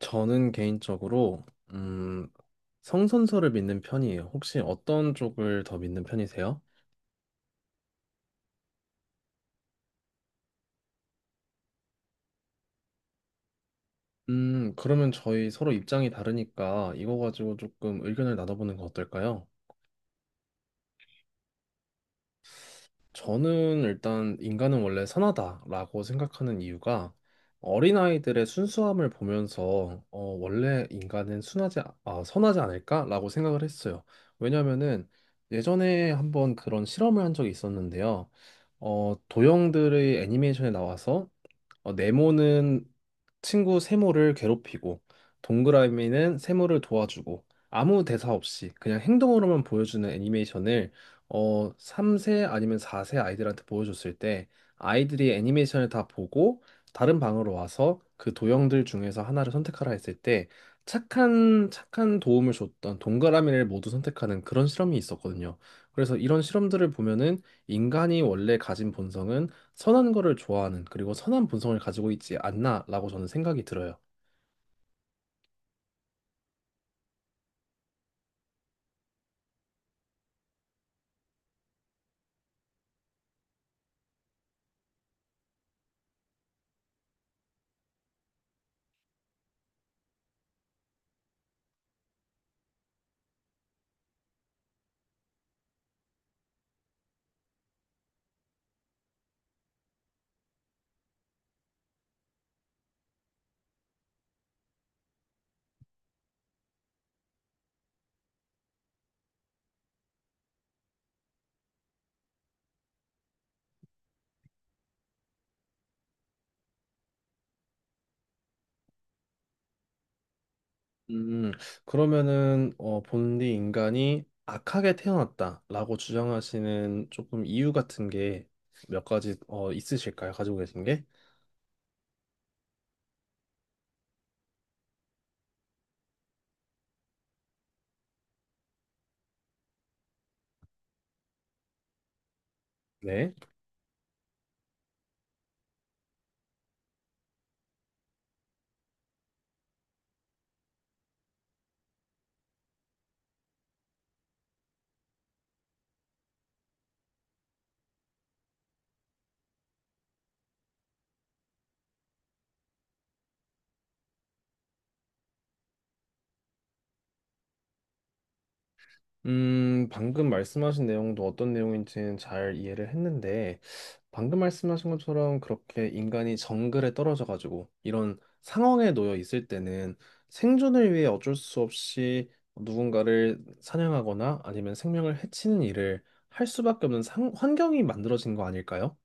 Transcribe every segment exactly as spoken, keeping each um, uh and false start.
저는 개인적으로 음, 성선설을 믿는 편이에요. 혹시 어떤 쪽을 더 믿는 편이세요? 음, 그러면 저희 서로 입장이 다르니까 이거 가지고 조금 의견을 나눠보는 거 어떨까요? 저는 일단 인간은 원래 선하다라고 생각하는 이유가 어린아이들의 순수함을 보면서 어, 원래 인간은 순하지, 아, 아, 선하지 않을까라고 생각을 했어요. 왜냐면은 예전에 한번 그런 실험을 한 적이 있었는데요. 어, 도형들의 애니메이션에 나와서 어, 네모는 친구 세모를 괴롭히고, 동그라미는 세모를 도와주고, 아무 대사 없이 그냥 행동으로만 보여주는 애니메이션을 어, 삼 세 아니면 사 세 아이들한테 보여줬을 때 아이들이 애니메이션을 다 보고 다른 방으로 와서 그 도형들 중에서 하나를 선택하라 했을 때 착한 착한 도움을 줬던 동그라미를 모두 선택하는 그런 실험이 있었거든요. 그래서 이런 실험들을 보면은 인간이 원래 가진 본성은 선한 거를 좋아하는 그리고 선한 본성을 가지고 있지 않나라고 저는 생각이 들어요. 음, 그러면은 어, 본디 인간이 악하게 태어났다라고 주장하시는 조금 이유 같은 게 몇 가지 어, 있으실까요? 가지고 계신 게? 네. 음, 방금 말씀하신 내용도 어떤 내용인지는 잘 이해를 했는데, 방금 말씀하신 것처럼 그렇게 인간이 정글에 떨어져가지고 이런 상황에 놓여 있을 때는 생존을 위해 어쩔 수 없이 누군가를 사냥하거나 아니면 생명을 해치는 일을 할 수밖에 없는 상- 환경이 만들어진 거 아닐까요?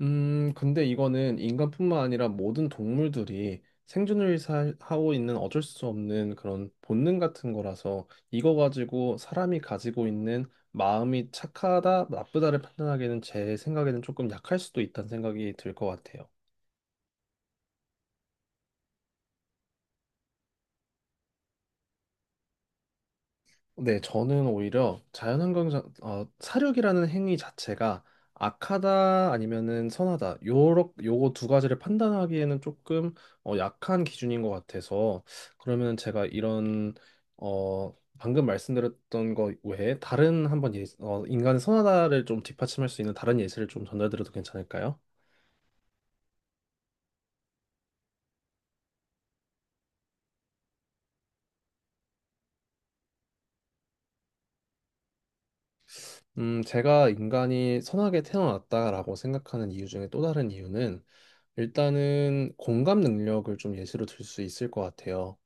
음, 근데 이거는 인간뿐만 아니라 모든 동물들이 생존을 살- 하고 있는 어쩔 수 없는 그런 본능 같은 거라서 이거 가지고 사람이 가지고 있는 마음이 착하다, 나쁘다를 판단하기에는 제 생각에는 조금 약할 수도 있다는 생각이 들 것 같아요. 네, 저는 오히려 자연환경, 어, 사륙이라는 행위 자체가 악하다 아니면은 선하다, 요렇, 요거 두 가지를 판단하기에는 조금 어, 약한 기준인 것 같아서, 그러면 제가 이런, 어, 방금 말씀드렸던 것 외에 다른 한번 예, 어, 인간의 선하다를 좀 뒷받침할 수 있는 다른 예시를 좀 전달드려도 괜찮을까요? 음, 제가 인간이 선하게 태어났다라고 생각하는 이유 중에 또 다른 이유는 일단은 공감 능력을 좀 예시로 들 수 있을 것 같아요.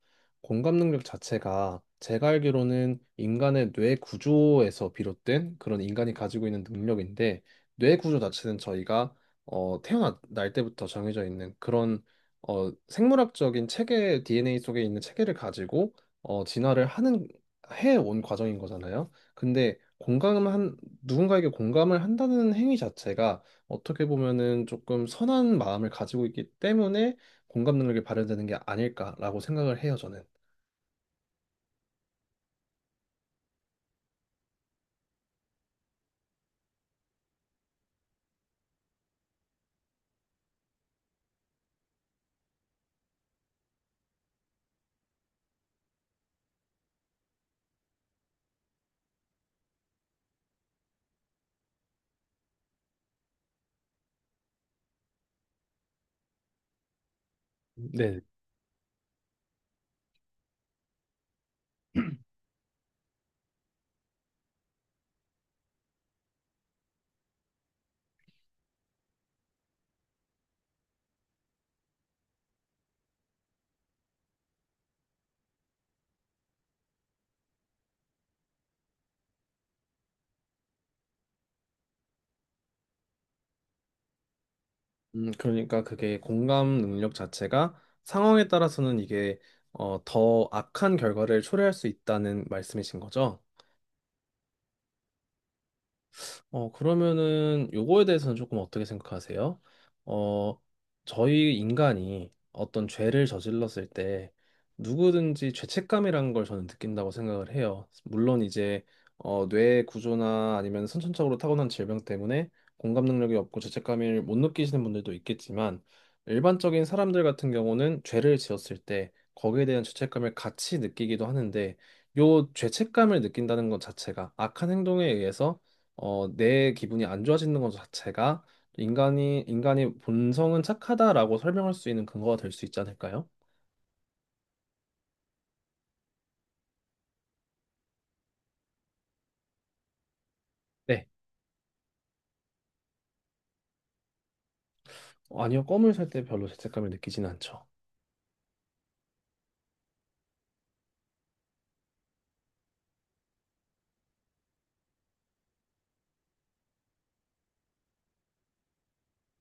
공감 능력 자체가 제가 알기로는 인간의 뇌 구조에서 비롯된 그런 인간이 가지고 있는 능력인데 뇌 구조 자체는 저희가 어, 태어날 때부터 정해져 있는 그런 어, 생물학적인 체계 디엔에이 속에 있는 체계를 가지고 어, 진화를 하는 해 온 과정인 거잖아요. 근데 공감한 누군가에게 공감을 한다는 행위 자체가 어떻게 보면은 조금 선한 마음을 가지고 있기 때문에 공감 능력이 발현되는 게 아닐까라고 생각을 해요, 저는. 네. 음, 그러니까 그게 공감 능력 자체가 상황에 따라서는 이게 어, 더 악한 결과를 초래할 수 있다는 말씀이신 거죠? 어, 그러면은 요거에 대해서는 조금 어떻게 생각하세요? 어, 저희 인간이 어떤 죄를 저질렀을 때 누구든지 죄책감이라는 걸 저는 느낀다고 생각을 해요. 물론 이제 어, 뇌 구조나 아니면 선천적으로 타고난 질병 때문에 공감 능력이 없고 죄책감을 못 느끼시는 분들도 있겠지만 일반적인 사람들 같은 경우는 죄를 지었을 때 거기에 대한 죄책감을 같이 느끼기도 하는데 요 죄책감을 느낀다는 것 자체가 악한 행동에 의해서 어, 내 기분이 안 좋아지는 것 자체가 인간이 인간의 본성은 착하다라고 설명할 수 있는 근거가 될 수 있지 않을까요? 네. 어, 아니요, 껌을 살 때 별로 죄책감을 느끼지는 않죠.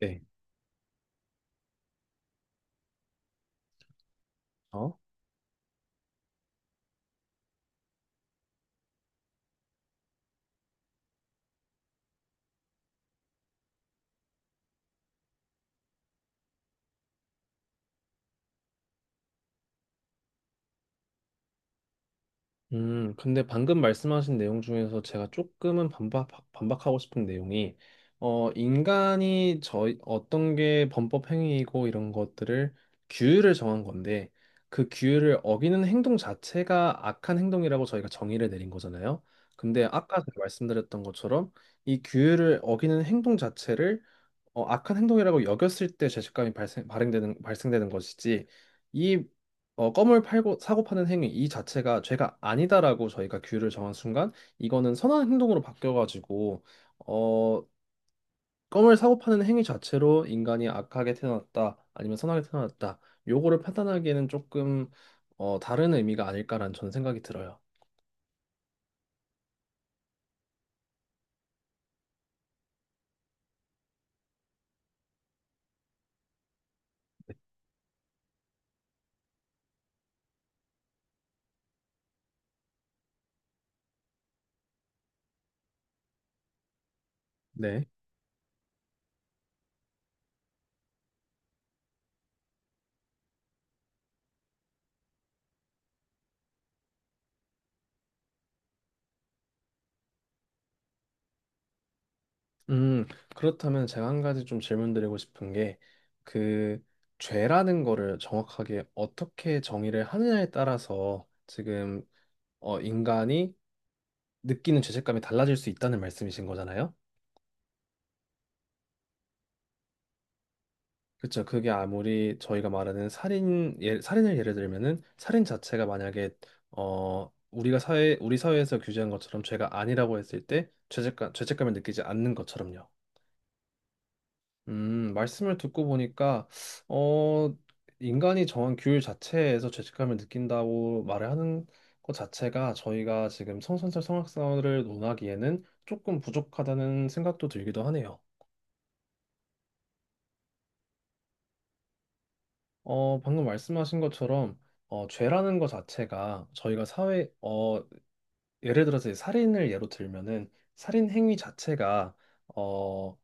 네. 어? 음, 근데 방금 말씀하신 내용 중에서 제가 조금은 반박, 반박하고 싶은 내용이, 어, 인간이 저희, 어떤 게 범법 행위이고 이런 것들을 규율을 정한 건데, 그 규율을 어기는 행동 자체가 악한 행동이라고 저희가 정의를 내린 거잖아요. 근데 아까 제가 말씀드렸던 것처럼 이 규율을 어기는 행동 자체를 어, 악한 행동이라고 여겼을 때 죄책감이 발생, 발행되는, 발생되는 것이지 이 어, 껌을 팔고 사고 파는 행위 이 자체가 죄가 아니다라고 저희가 규율을 정한 순간 이거는 선한 행동으로 바뀌어가지고 어, 껌을 사고 파는 행위 자체로 인간이 악하게 태어났다 아니면 선하게 태어났다 요거를 판단하기에는 조금 어, 다른 의미가 아닐까라는 저는 생각이 들어요. 네. 음, 그렇다면 제가 한 가지 좀 질문드리고 싶은 게, 그, 죄라는 거를 정확하게 어떻게 정의를 하느냐에 따라서 지금, 어, 인간이 느끼는 죄책감이 달라질 수 있다는 말씀이신 거잖아요? 그렇죠. 그게 아무리 저희가 말하는 살인, 예, 살인을 예를 들면은 살인 자체가 만약에, 어, 우리가 사회, 우리 사회에서 규제한 것처럼 죄가 아니라고 했을 때 죄책감, 죄책감을 느끼지 않는 것처럼요. 음, 말씀을 듣고 보니까, 어, 인간이 정한 규율 자체에서 죄책감을 느낀다고 말을 하는 것 자체가 저희가 지금 성선설 성악설을 논하기에는 조금 부족하다는 생각도 들기도 하네요. 어, 방금 말씀하신 것처럼, 어, 죄라는 것 자체가 저희가 사회, 어, 예를 들어서 이 살인을 예로 들면은 살인 행위 자체가 어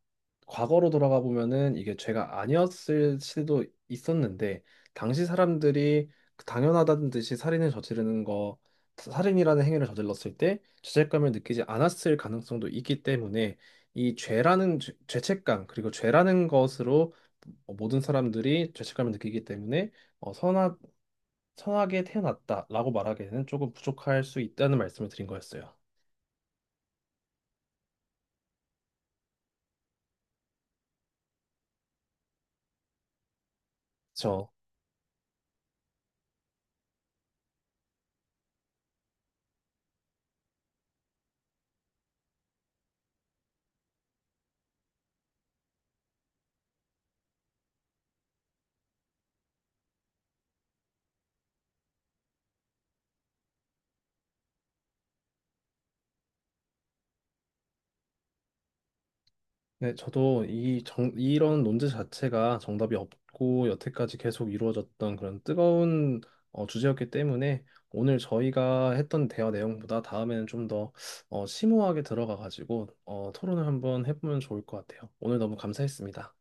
과거로 돌아가 보면은 이게 죄가 아니었을 수도 있었는데 당시 사람들이 그 당연하다는 듯이 살인을 저지르는 거 살인이라는 행위를 저질렀을 때 죄책감을 느끼지 않았을 가능성도 있기 때문에 이 죄라는 죄- 죄책감 그리고 죄라는 것으로 모든 사람들이 죄책감을 느끼기 때문에 어, 선하, 선하게 태어났다라고 말하기에는 조금 부족할 수 있다는 말씀을 드린 거였어요. 그렇죠. 네, 저도 이 정, 이런 논제 자체가 정답이 없고 여태까지 계속 이루어졌던 그런 뜨거운 어, 주제였기 때문에 오늘 저희가 했던 대화 내용보다 다음에는 좀 더 어, 심오하게 들어가 가지고 어, 토론을 한번 해보면 좋을 것 같아요. 오늘 너무 감사했습니다.